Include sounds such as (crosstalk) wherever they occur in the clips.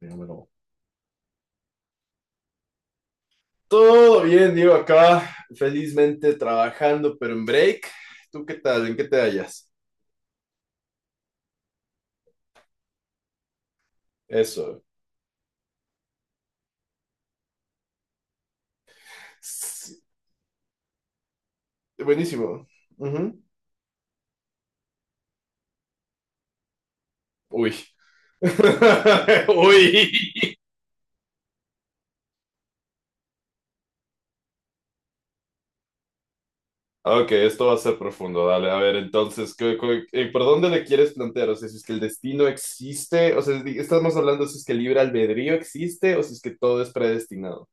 Dígamelo. Todo bien, Diego, acá felizmente trabajando, pero en break. ¿Tú qué tal? ¿En qué te hallas? Eso. S- Buenísimo. Ujú. Uy. (laughs) Uy. Ok, esto va a ser profundo. Dale, a ver, entonces, ¿por dónde le quieres plantear? O sea, si es que el destino existe, o sea, estamos hablando si es que el libre albedrío existe o si es que todo es predestinado.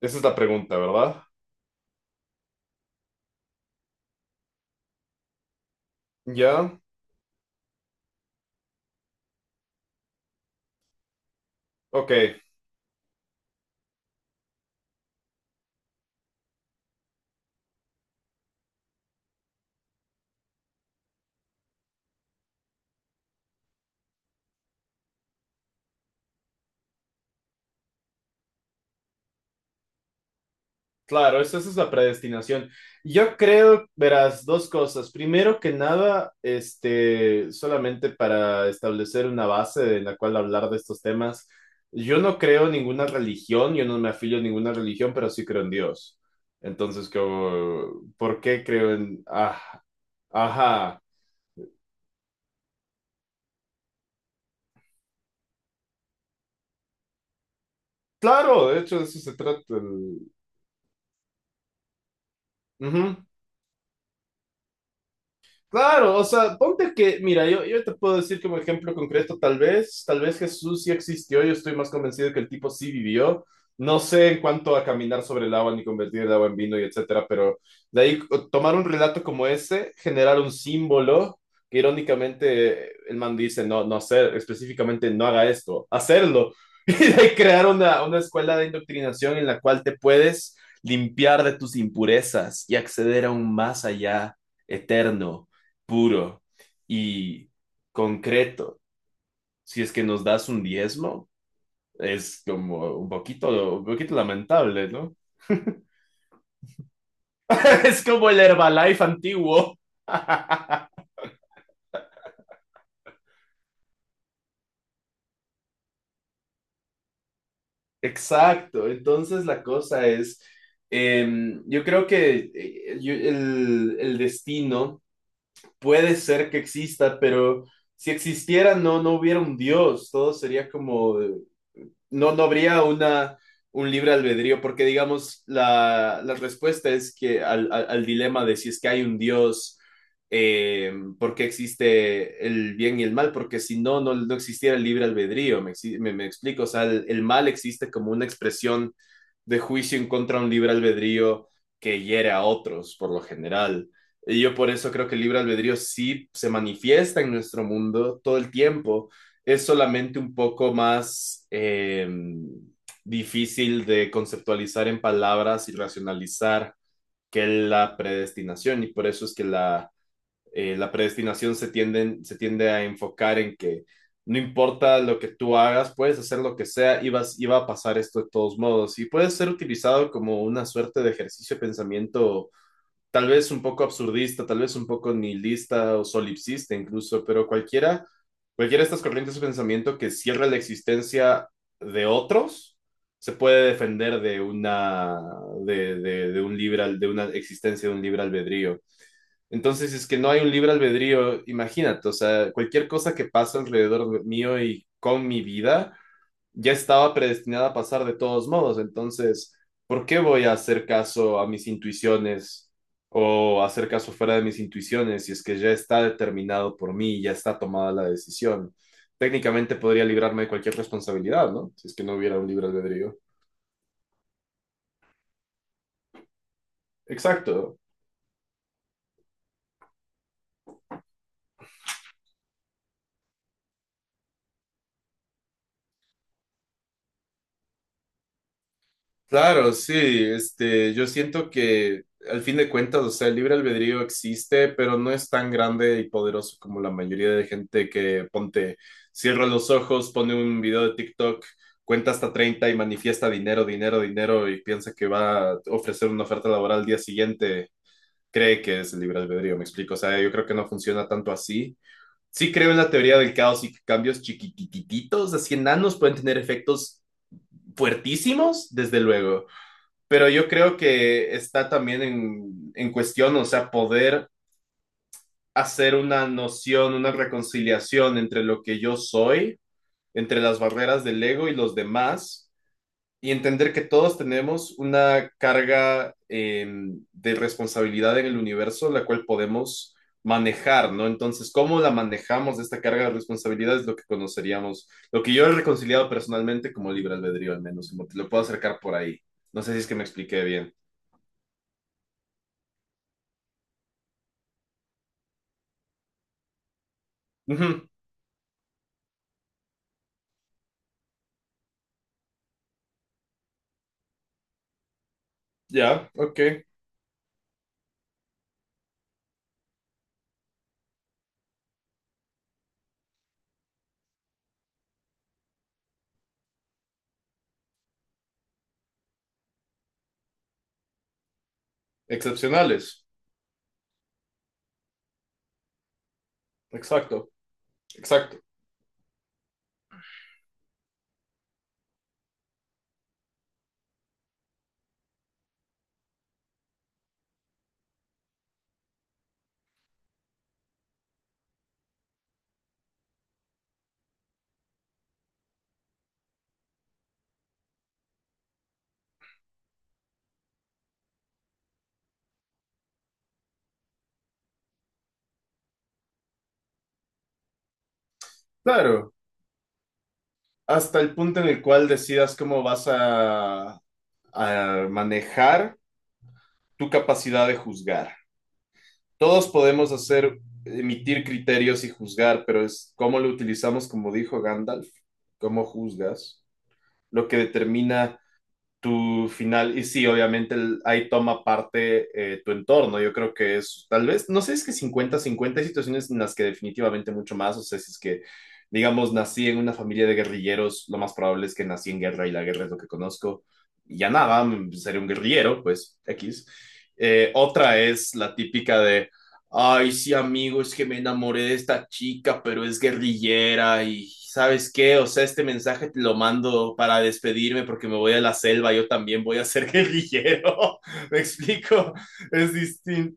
Esa es la pregunta, ¿verdad? Ya. Ok, claro, esa es la predestinación. Yo creo, verás, dos cosas. Primero que nada, solamente para establecer una base en la cual hablar de estos temas, yo no creo en ninguna religión, yo no me afilio a ninguna religión, pero sí creo en Dios. Entonces, como, ¿por qué creo en? Ah, ajá. Claro, de hecho, de eso se trata. Ujú. Claro, o sea, ponte que, mira, yo te puedo decir como ejemplo concreto, tal vez Jesús sí existió, yo estoy más convencido que el tipo sí vivió. No sé en cuanto a caminar sobre el agua ni convertir el agua en vino y etcétera, pero de ahí tomar un relato como ese, generar un símbolo que irónicamente el man dice, no, no hacer, específicamente no haga esto, hacerlo. (laughs) Y de ahí crear una escuela de indoctrinación en la cual te puedes limpiar de tus impurezas y acceder a un más allá eterno, puro y concreto. Si es que nos das un diezmo, es como un poquito lamentable, ¿no? (laughs) Es como el Herbalife antiguo. (laughs) Exacto, entonces la cosa es, eh, yo creo que el destino puede ser que exista, pero si existiera no, no hubiera un Dios, todo sería como no, no habría un libre albedrío, porque digamos, la respuesta es que al dilema de si es que hay un Dios, eh, por qué existe el bien y el mal, porque si no, no, no existiera el libre albedrío, me explico, o sea, el mal existe como una expresión de juicio en contra de un libre albedrío que hiere a otros, por lo general. Y yo por eso creo que el libre albedrío sí se manifiesta en nuestro mundo todo el tiempo, es solamente un poco más difícil de conceptualizar en palabras y racionalizar que la predestinación, y por eso es que la predestinación se tiende a enfocar en que no importa lo que tú hagas, puedes hacer lo que sea y va a pasar esto de todos modos, y puede ser utilizado como una suerte de ejercicio de pensamiento tal vez un poco absurdista, tal vez un poco nihilista o solipsista incluso, pero cualquiera de estas corrientes de pensamiento que cierra la existencia de otros se puede defender de una de una existencia de un libre albedrío. Entonces, si es que no hay un libre albedrío, imagínate, o sea, cualquier cosa que pasa alrededor mío y con mi vida ya estaba predestinada a pasar de todos modos. Entonces, ¿por qué voy a hacer caso a mis intuiciones o hacer caso fuera de mis intuiciones si es que ya está determinado por mí, ya está tomada la decisión? Técnicamente podría librarme de cualquier responsabilidad, ¿no? Si es que no hubiera un libre albedrío. Exacto. Claro, sí, yo siento que al fin de cuentas, o sea, el libre albedrío existe, pero no es tan grande y poderoso como la mayoría de gente que ponte, cierra los ojos, pone un video de TikTok, cuenta hasta 30 y manifiesta dinero, dinero, dinero y piensa que va a ofrecer una oferta laboral al día siguiente, cree que es el libre albedrío, me explico, o sea, yo creo que no funciona tanto así. Sí creo en la teoría del caos y que cambios chiquitititos, así enanos pueden tener efectos fuertísimos, desde luego, pero yo creo que está también en cuestión, o sea, poder hacer una noción, una reconciliación entre lo que yo soy, entre las barreras del ego y los demás, y entender que todos tenemos una carga de responsabilidad en el universo, la cual podemos manejar, ¿no? Entonces, ¿cómo la manejamos esta carga de responsabilidad? Es lo que conoceríamos, lo que yo he reconciliado personalmente como libre albedrío, al menos, como te lo puedo acercar por ahí. No sé si es que me expliqué bien. Ujú. Ya, ok. Excepcionales. Exacto, exacto. Claro, hasta el punto en el cual decidas cómo vas a manejar tu capacidad de juzgar. Todos podemos hacer, emitir criterios y juzgar, pero es cómo lo utilizamos, como dijo Gandalf, cómo juzgas, lo que determina tu final, y sí, obviamente ahí toma parte tu entorno, yo creo que es tal vez, no sé, es que 50-50, hay situaciones en las que definitivamente mucho más, o sea, si es que, digamos, nací en una familia de guerrilleros, lo más probable es que nací en guerra y la guerra es lo que conozco, y ya nada, seré un guerrillero, pues X. Otra es la típica de ay, sí, amigo, es que me enamoré de esta chica, pero es guerrillera y ¿sabes qué? O sea, este mensaje te lo mando para despedirme porque me voy a la selva, yo también voy a ser (laughs) guerrillero. ¿Me explico? Es distinto.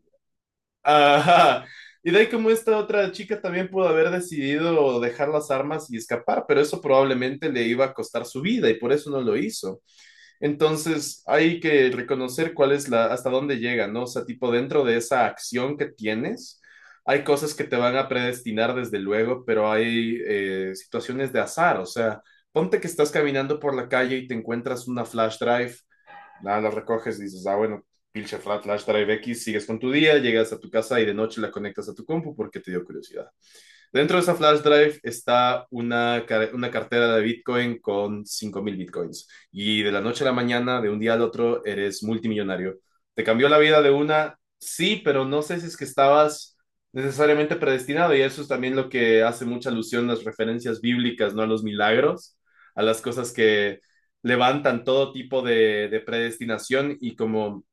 Ajá. Y de ahí como esta otra chica también pudo haber decidido dejar las armas y escapar, pero eso probablemente le iba a costar su vida y por eso no lo hizo. Entonces, hay que reconocer cuál es hasta dónde llega, ¿no? O sea, tipo, dentro de esa acción que tienes, hay cosas que te van a predestinar desde luego, pero hay situaciones de azar. O sea, ponte que estás caminando por la calle y te encuentras una flash drive, nada, la recoges y dices, ah, bueno, pinche flash drive X, sigues con tu día, llegas a tu casa y de noche la conectas a tu compu porque te dio curiosidad. Dentro de esa flash drive está una cartera de Bitcoin con 5000 Bitcoins. Y de la noche a la mañana, de un día al otro, eres multimillonario. ¿Te cambió la vida de una? Sí, pero no sé si es que estabas necesariamente predestinado. Y eso es también lo que hace mucha alusión a las referencias bíblicas, ¿no? A los milagros, a las cosas que levantan todo tipo de predestinación y como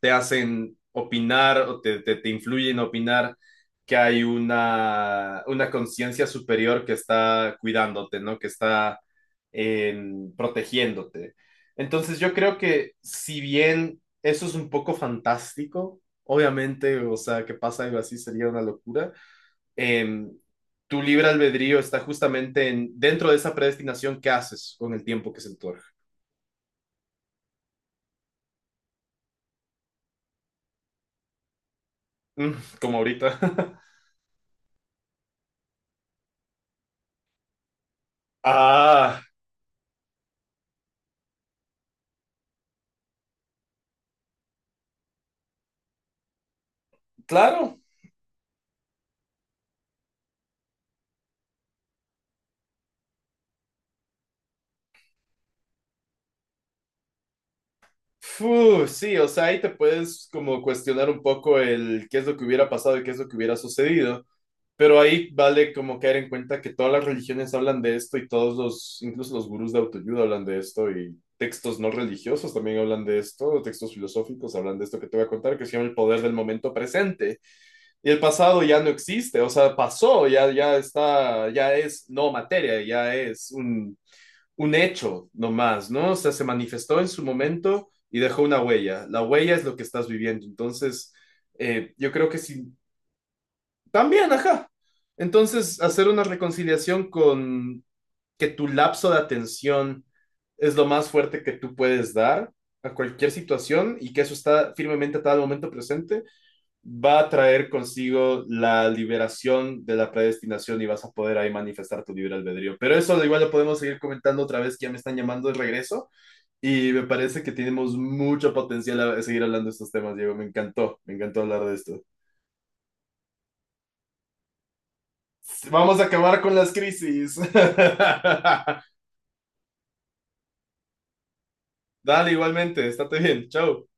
te hacen opinar o te influyen a opinar que hay una conciencia superior que está cuidándote, ¿no? Que está protegiéndote. Entonces yo creo que si bien eso es un poco fantástico, obviamente, o sea, que pasa algo así sería una locura, em, tu libre albedrío está justamente dentro de esa predestinación que haces con el tiempo que se te otorga. (laughs) Mm, como ahorita. (laughs) Ah, claro, fu, sí, o sea, ahí te puedes como cuestionar un poco el qué es lo que hubiera pasado y qué es lo que hubiera sucedido, pero ahí vale como caer en cuenta que todas las religiones hablan de esto y todos incluso los gurús de autoayuda hablan de esto y textos no religiosos también hablan de esto, textos filosóficos hablan de esto que te voy a contar, que se llama el poder del momento presente y el pasado ya no existe, o sea, pasó, ya, ya está, ya es no materia, ya es un hecho nomás, ¿no? O sea, se manifestó en su momento y dejó una huella. La huella es lo que estás viviendo. Entonces, yo creo que sí. También, ajá. Entonces, hacer una reconciliación con que tu lapso de atención es lo más fuerte que tú puedes dar a cualquier situación y que eso está firmemente atado al momento presente, va a traer consigo la liberación de la predestinación y vas a poder ahí manifestar tu libre albedrío. Pero eso igual lo podemos seguir comentando otra vez, que ya me están llamando de regreso y me parece que tenemos mucho potencial a seguir hablando de estos temas, Diego. Me encantó hablar de esto. Vamos a acabar con las crisis. (laughs) Dale, igualmente, estate bien, chao.